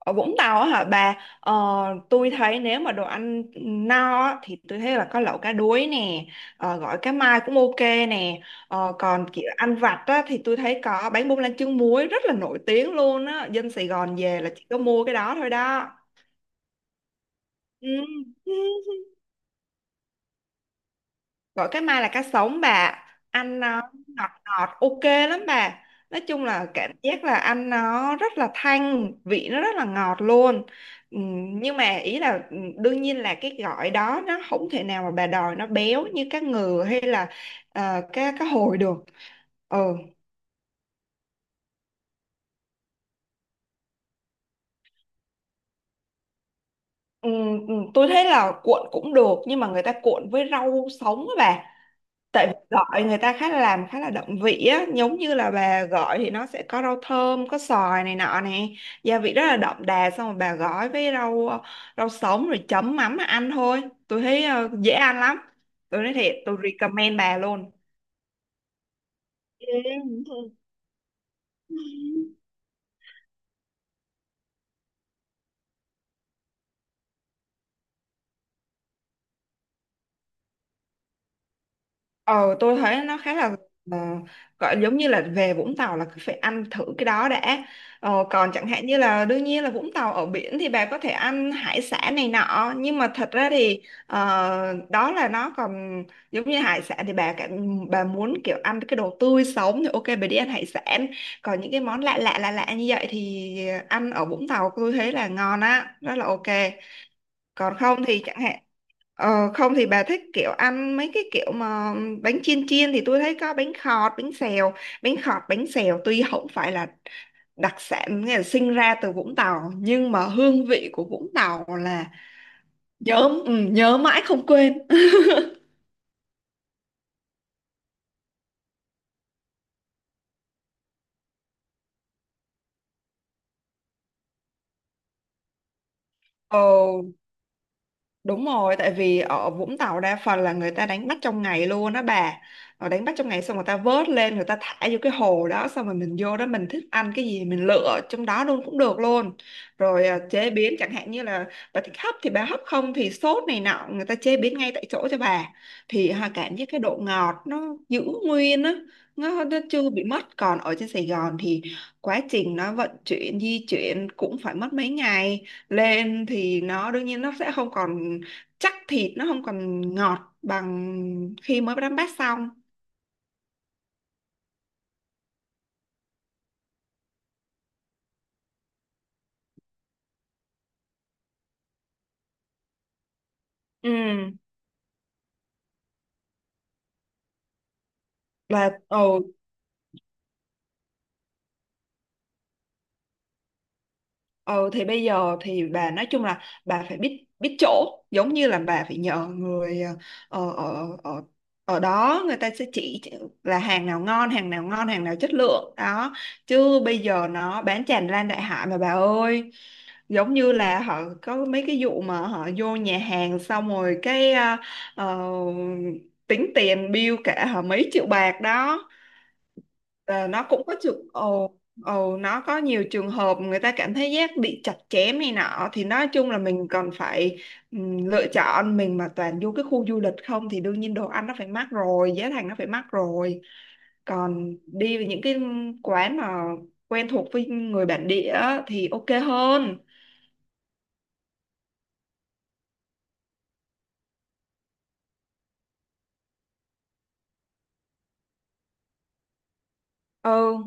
Ở Vũng Tàu á hả bà, ờ, tôi thấy nếu mà đồ ăn no á, thì tôi thấy là có lẩu cá đuối nè, gỏi cá mai cũng ok nè, còn kiểu ăn vặt á, thì tôi thấy có bánh bông lan trứng muối rất là nổi tiếng luôn á, dân Sài Gòn về là chỉ có mua cái đó thôi đó. Ừ. Gỏi cá mai là cá sống bà, ăn nó ngọt ngọt ok lắm bà, nói chung là cảm giác là ăn nó rất là thanh vị, nó rất là ngọt luôn. Nhưng mà ý là, đương nhiên là cái gỏi đó nó không thể nào mà bà đòi nó béo như cá ngừ hay là ờ, cá cá hồi được. Ừ. Tôi thấy là cuộn cũng được, nhưng mà người ta cuộn với rau sống á bà, tại vì gọi người ta khá là làm khá là động vị á, giống như là bà gọi thì nó sẽ có rau thơm, có xoài này nọ nè, gia vị rất là đậm đà, xong rồi bà gói với rau rau sống rồi chấm mắm mà ăn thôi. Tôi thấy dễ ăn lắm, tôi nói thiệt, tôi recommend bà luôn. Ừ. Ờ tôi thấy nó khá là ờ, gọi giống như là về Vũng Tàu là cứ phải ăn thử cái đó đã. Còn chẳng hạn như là, đương nhiên là Vũng Tàu ở biển thì bà có thể ăn hải sản này nọ, nhưng mà thật ra thì đó là nó còn giống như hải sản, thì bà cảm, bà muốn kiểu ăn cái đồ tươi sống thì ok, bà đi ăn hải sản. Còn những cái món lạ lạ lạ lạ như vậy thì ăn ở Vũng Tàu tôi thấy là ngon á, rất là ok. Còn không thì chẳng hạn, không thì bà thích kiểu ăn mấy cái kiểu mà bánh chiên chiên thì tôi thấy có bánh khọt, bánh xèo, bánh khọt, bánh xèo tuy không phải là đặc sản, nghĩa là sinh ra từ Vũng Tàu, nhưng mà hương vị của Vũng Tàu là nhớ, ừ, nhớ mãi không quên. Ồ. Đúng rồi, tại vì ở Vũng Tàu đa phần là người ta đánh bắt trong ngày luôn đó bà. Họ đánh bắt trong ngày xong người ta vớt lên, người ta thả vô cái hồ đó, xong rồi mình vô đó mình thích ăn cái gì mình lựa trong đó luôn cũng được luôn. Rồi à, chế biến chẳng hạn như là bà thích hấp thì bà hấp, không thì sốt này nọ, người ta chế biến ngay tại chỗ cho bà. Thì ha, cảm giác cái độ ngọt nó giữ nguyên á, nó chưa bị mất. Còn ở trên Sài Gòn thì quá trình nó vận chuyển di chuyển cũng phải mất mấy ngày lên, thì nó đương nhiên nó sẽ không còn chắc thịt, nó không còn ngọt bằng khi mới đánh bát xong. ừ là ừ, Ừ thì bây giờ thì bà nói chung là bà phải biết biết chỗ, giống như là bà phải nhờ người ờ, ở ở ở đó, người ta sẽ chỉ là hàng nào ngon, hàng nào ngon, hàng nào chất lượng đó. Chứ bây giờ nó bán tràn lan đại hải mà bà ơi. Giống như là họ có mấy cái vụ mà họ vô nhà hàng xong rồi cái ờ, tính tiền bill cả họ mấy triệu bạc đó. Ờ, nó cũng có trường ồ ồ nó có nhiều trường hợp người ta cảm thấy giác bị chặt chém này nọ, thì nói chung là mình còn phải lựa chọn. Mình mà toàn vô cái khu du lịch không thì đương nhiên đồ ăn nó phải mắc rồi, giá thành nó phải mắc rồi. Còn đi với những cái quán mà quen thuộc với người bản địa á thì ok hơn. Ừ.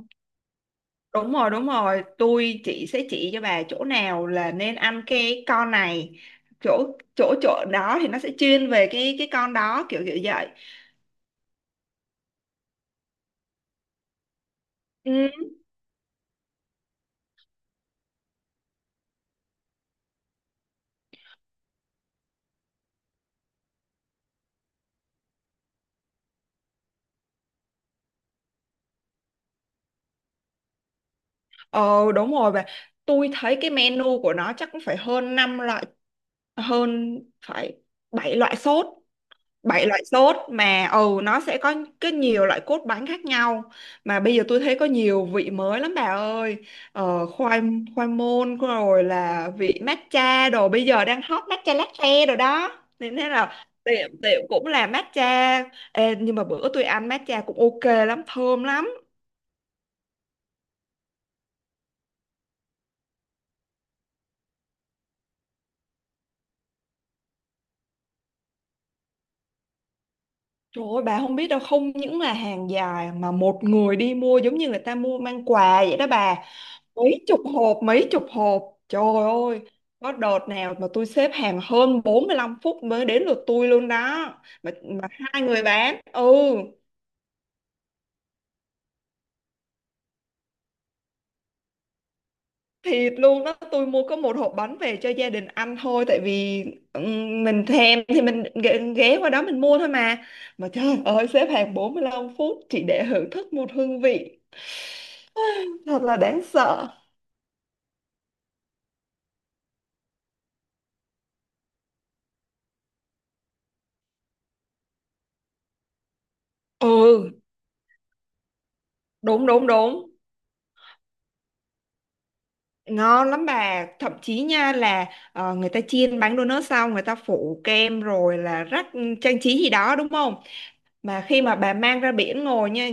Đúng rồi, đúng rồi. Tôi chị sẽ chỉ cho bà chỗ nào là nên ăn cái con này. Chỗ chỗ chỗ đó thì nó sẽ chuyên về cái con đó, kiểu kiểu vậy. Ừ. Ờ đúng rồi bà. Tôi thấy cái menu của nó chắc cũng phải hơn 5 loại, hơn, phải 7 loại sốt. Bảy loại sốt, mà ừ, nó sẽ có cái nhiều loại cốt bánh khác nhau. Mà bây giờ tôi thấy có nhiều vị mới lắm bà ơi, ờ, khoai khoai môn rồi là vị matcha đồ, bây giờ đang hot matcha latte rồi đó, nên thế là tiệm tiệm cũng là matcha. Ê, nhưng mà bữa tôi ăn matcha cũng ok lắm, thơm lắm. Trời ơi, bà không biết đâu, không những là hàng dài mà một người đi mua giống như người ta mua mang quà vậy đó bà. Mấy chục hộp, mấy chục hộp. Trời ơi, có đợt nào mà tôi xếp hàng hơn 45 phút mới đến lượt tôi luôn đó. Mà hai người bán, ừ, thịt luôn đó. Tôi mua có một hộp bánh về cho gia đình ăn thôi, tại vì mình thèm thì mình ghé ghé qua đó mình mua thôi mà. Mà trời ơi, xếp hàng 45 phút chỉ để hưởng thức một hương vị. Thật là đáng sợ. Ừ, đúng đúng đúng. Ngon lắm bà, thậm chí nha là người ta chiên bánh donut xong người ta phủ kem rồi là rắc trang trí gì đó đúng không, mà khi mà bà mang ra biển ngồi nha,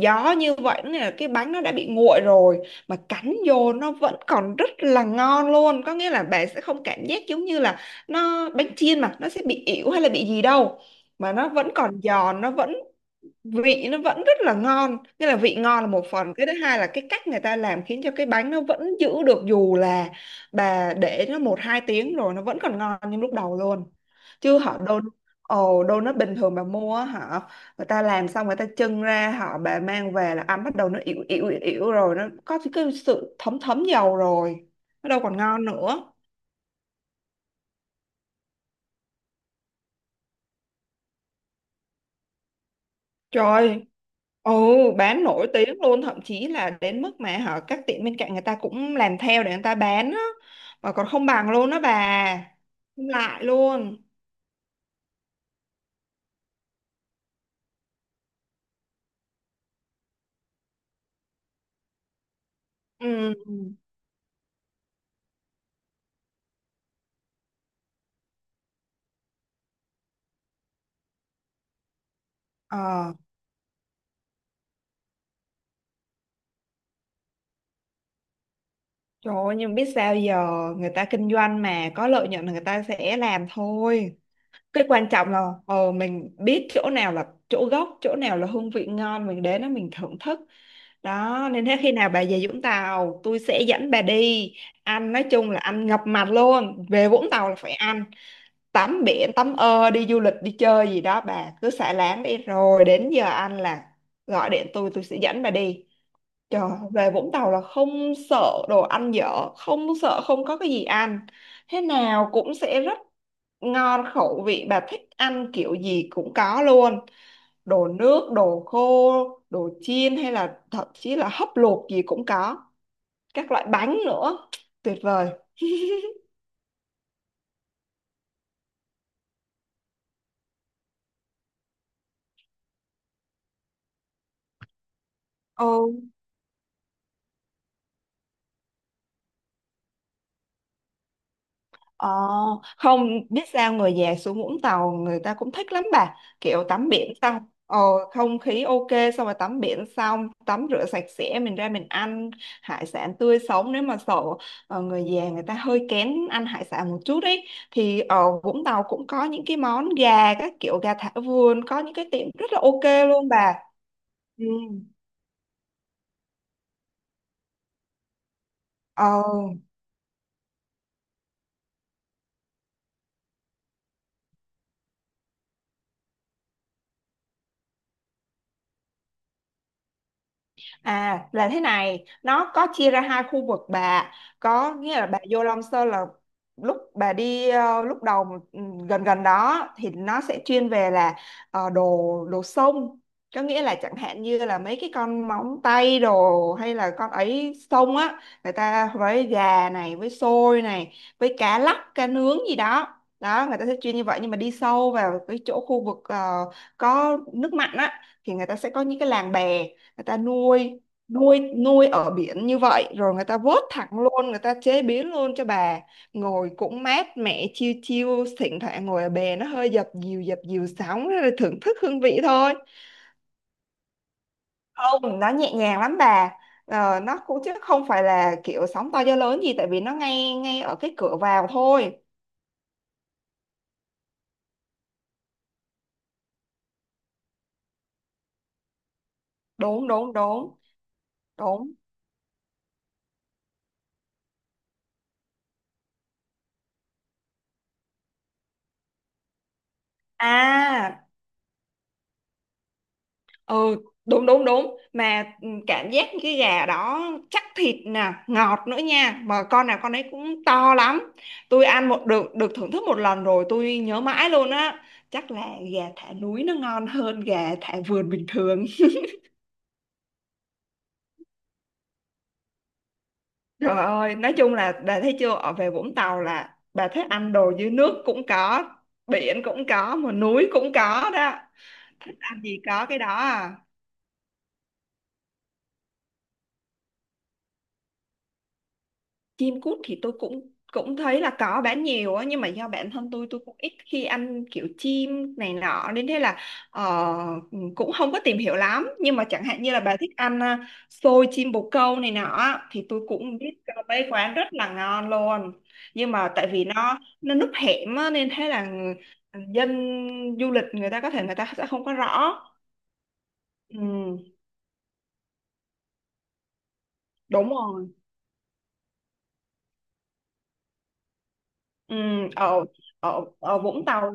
gió như vậy là cái bánh nó đã bị nguội rồi, mà cắn vô nó vẫn còn rất là ngon luôn, có nghĩa là bà sẽ không cảm giác giống như là nó bánh chiên mà nó sẽ bị ỉu hay là bị gì đâu, mà nó vẫn còn giòn, nó vẫn vị nó vẫn rất là ngon. Nghĩa là vị ngon là một phần, cái thứ hai là cái cách người ta làm khiến cho cái bánh nó vẫn giữ được, dù là bà để nó một hai tiếng rồi nó vẫn còn ngon như lúc đầu luôn. Chứ họ đôn, đôn nó bình thường bà mua á, họ, người ta làm xong người ta trưng ra, họ bà mang về là ăn, bắt đầu nó ỉu ỉu ỉu ỉu rồi, nó có cái sự thấm thấm dầu rồi, nó đâu còn ngon nữa. Trời, ừ, bán nổi tiếng luôn, thậm chí là đến mức mà hả, các tiệm bên cạnh người ta cũng làm theo để người ta bán á, mà còn không bằng luôn đó bà, không lại luôn. Ừ. Ờ, trời ơi, nhưng biết sao giờ, người ta kinh doanh mà có lợi nhuận là người ta sẽ làm thôi. Cái quan trọng là mình biết chỗ nào là chỗ gốc, chỗ nào là hương vị ngon, mình đến đó mình thưởng thức đó. Nên thế khi nào bà về Vũng Tàu tôi sẽ dẫn bà đi ăn, nói chung là ăn ngập mặt luôn. Về Vũng Tàu là phải ăn, tắm biển, tắm, ơ, đi du lịch đi chơi gì đó, bà cứ xả láng đi, rồi đến giờ ăn là gọi điện tôi sẽ dẫn bà đi. Trời, về Vũng Tàu là không sợ đồ ăn dở, không sợ không có cái gì ăn. Thế nào cũng sẽ rất ngon khẩu vị, bà thích ăn kiểu gì cũng có luôn. Đồ nước, đồ khô, đồ chiên hay là thậm chí là hấp luộc gì cũng có. Các loại bánh nữa, tuyệt vời. Ừ. Ờ, không biết sao người già xuống Vũng Tàu người ta cũng thích lắm bà, kiểu tắm biển xong không khí ok, xong rồi tắm biển xong tắm rửa sạch sẽ mình ra mình ăn hải sản tươi sống. Nếu mà sợ người già người ta hơi kén ăn hải sản một chút ấy, thì ở Vũng Tàu cũng có những cái món gà, các kiểu gà thả vườn, có những cái tiệm rất là ok luôn bà. Ừ. Ờ. À là thế này, nó có chia ra hai khu vực bà, có nghĩa là bà vô Long Sơn là lúc bà đi lúc đầu, ừ, gần gần đó thì nó sẽ chuyên về là đồ, đồ sông, có nghĩa là chẳng hạn như là mấy cái con móng tay đồ hay là con ấy sông á, người ta với gà này, với xôi này, với cá lóc, cá nướng gì đó. Đó, người ta sẽ chuyên như vậy, nhưng mà đi sâu vào cái chỗ khu vực có nước mặn á thì người ta sẽ có những cái làng bè, người ta nuôi, nuôi nuôi ở biển như vậy rồi người ta vớt thẳng luôn, người ta chế biến luôn cho bà. Ngồi cũng mát mẻ, chiêu chiêu, thỉnh thoảng ngồi ở bè nó hơi dập dìu sóng, rồi thưởng thức hương vị thôi. Không, nó nhẹ nhàng lắm bà, nó cũng, chứ không phải là kiểu sóng to gió lớn gì, tại vì nó ngay ngay ở cái cửa vào thôi. Đúng đúng đúng đúng. À. Ừ, đúng đúng đúng. Mà ừ, cảm giác cái gà đó chắc thịt nè, ngọt nữa nha, mà con nào con ấy cũng to lắm. Tôi ăn một được, được thưởng thức một lần rồi tôi nhớ mãi luôn á. Chắc là gà thả núi nó ngon hơn gà thả vườn bình thường. Trời ơi, nói chung là bà thấy chưa, ở về Vũng Tàu là bà thích ăn đồ dưới nước cũng có, biển cũng có, mà núi cũng có đó. Thích ăn gì có cái đó à. Chim cút thì tôi cũng cũng thấy là có bán nhiều á, nhưng mà do bản thân tôi cũng ít khi ăn kiểu chim này nọ, nên thế là ờ, cũng không có tìm hiểu lắm. Nhưng mà chẳng hạn như là bà thích ăn xôi chim bồ câu này nọ á, thì tôi cũng biết có mấy quán rất là ngon luôn. Nhưng mà tại vì nó núp hẻm á, nên thế là dân du lịch người ta có thể người ta sẽ không có rõ. Ừ, đúng rồi. Ừ, ở ở, ở Vũng Tàu,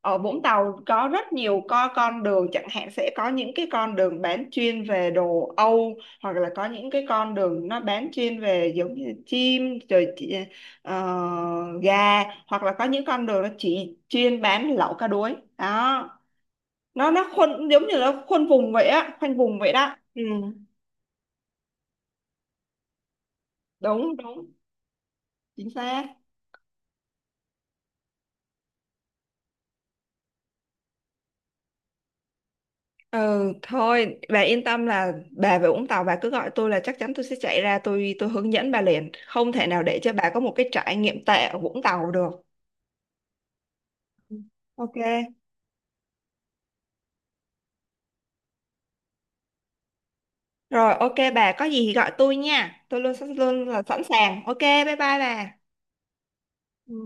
ở Vũng Tàu có rất nhiều, có con đường chẳng hạn sẽ có những cái con đường bán chuyên về đồ Âu, hoặc là có những cái con đường nó bán chuyên về giống như chim rồi ờ, gà, hoặc là có những con đường nó chỉ chuyên bán lẩu cá đuối đó. Nó khuôn giống như là khuôn vùng vậy á, khoanh vùng vậy đó. Ừ. Đúng đúng, chính xác. Ừ, thôi bà yên tâm là bà về Vũng Tàu bà cứ gọi tôi là chắc chắn tôi sẽ chạy ra, tôi hướng dẫn bà liền, không thể nào để cho bà có một cái trải nghiệm tệ ở Vũng Tàu được. Ok. Rồi ok bà, có gì thì gọi tôi nha, tôi luôn sẵn luôn, là sẵn sàng. Ok, bye bye bà. Ừ.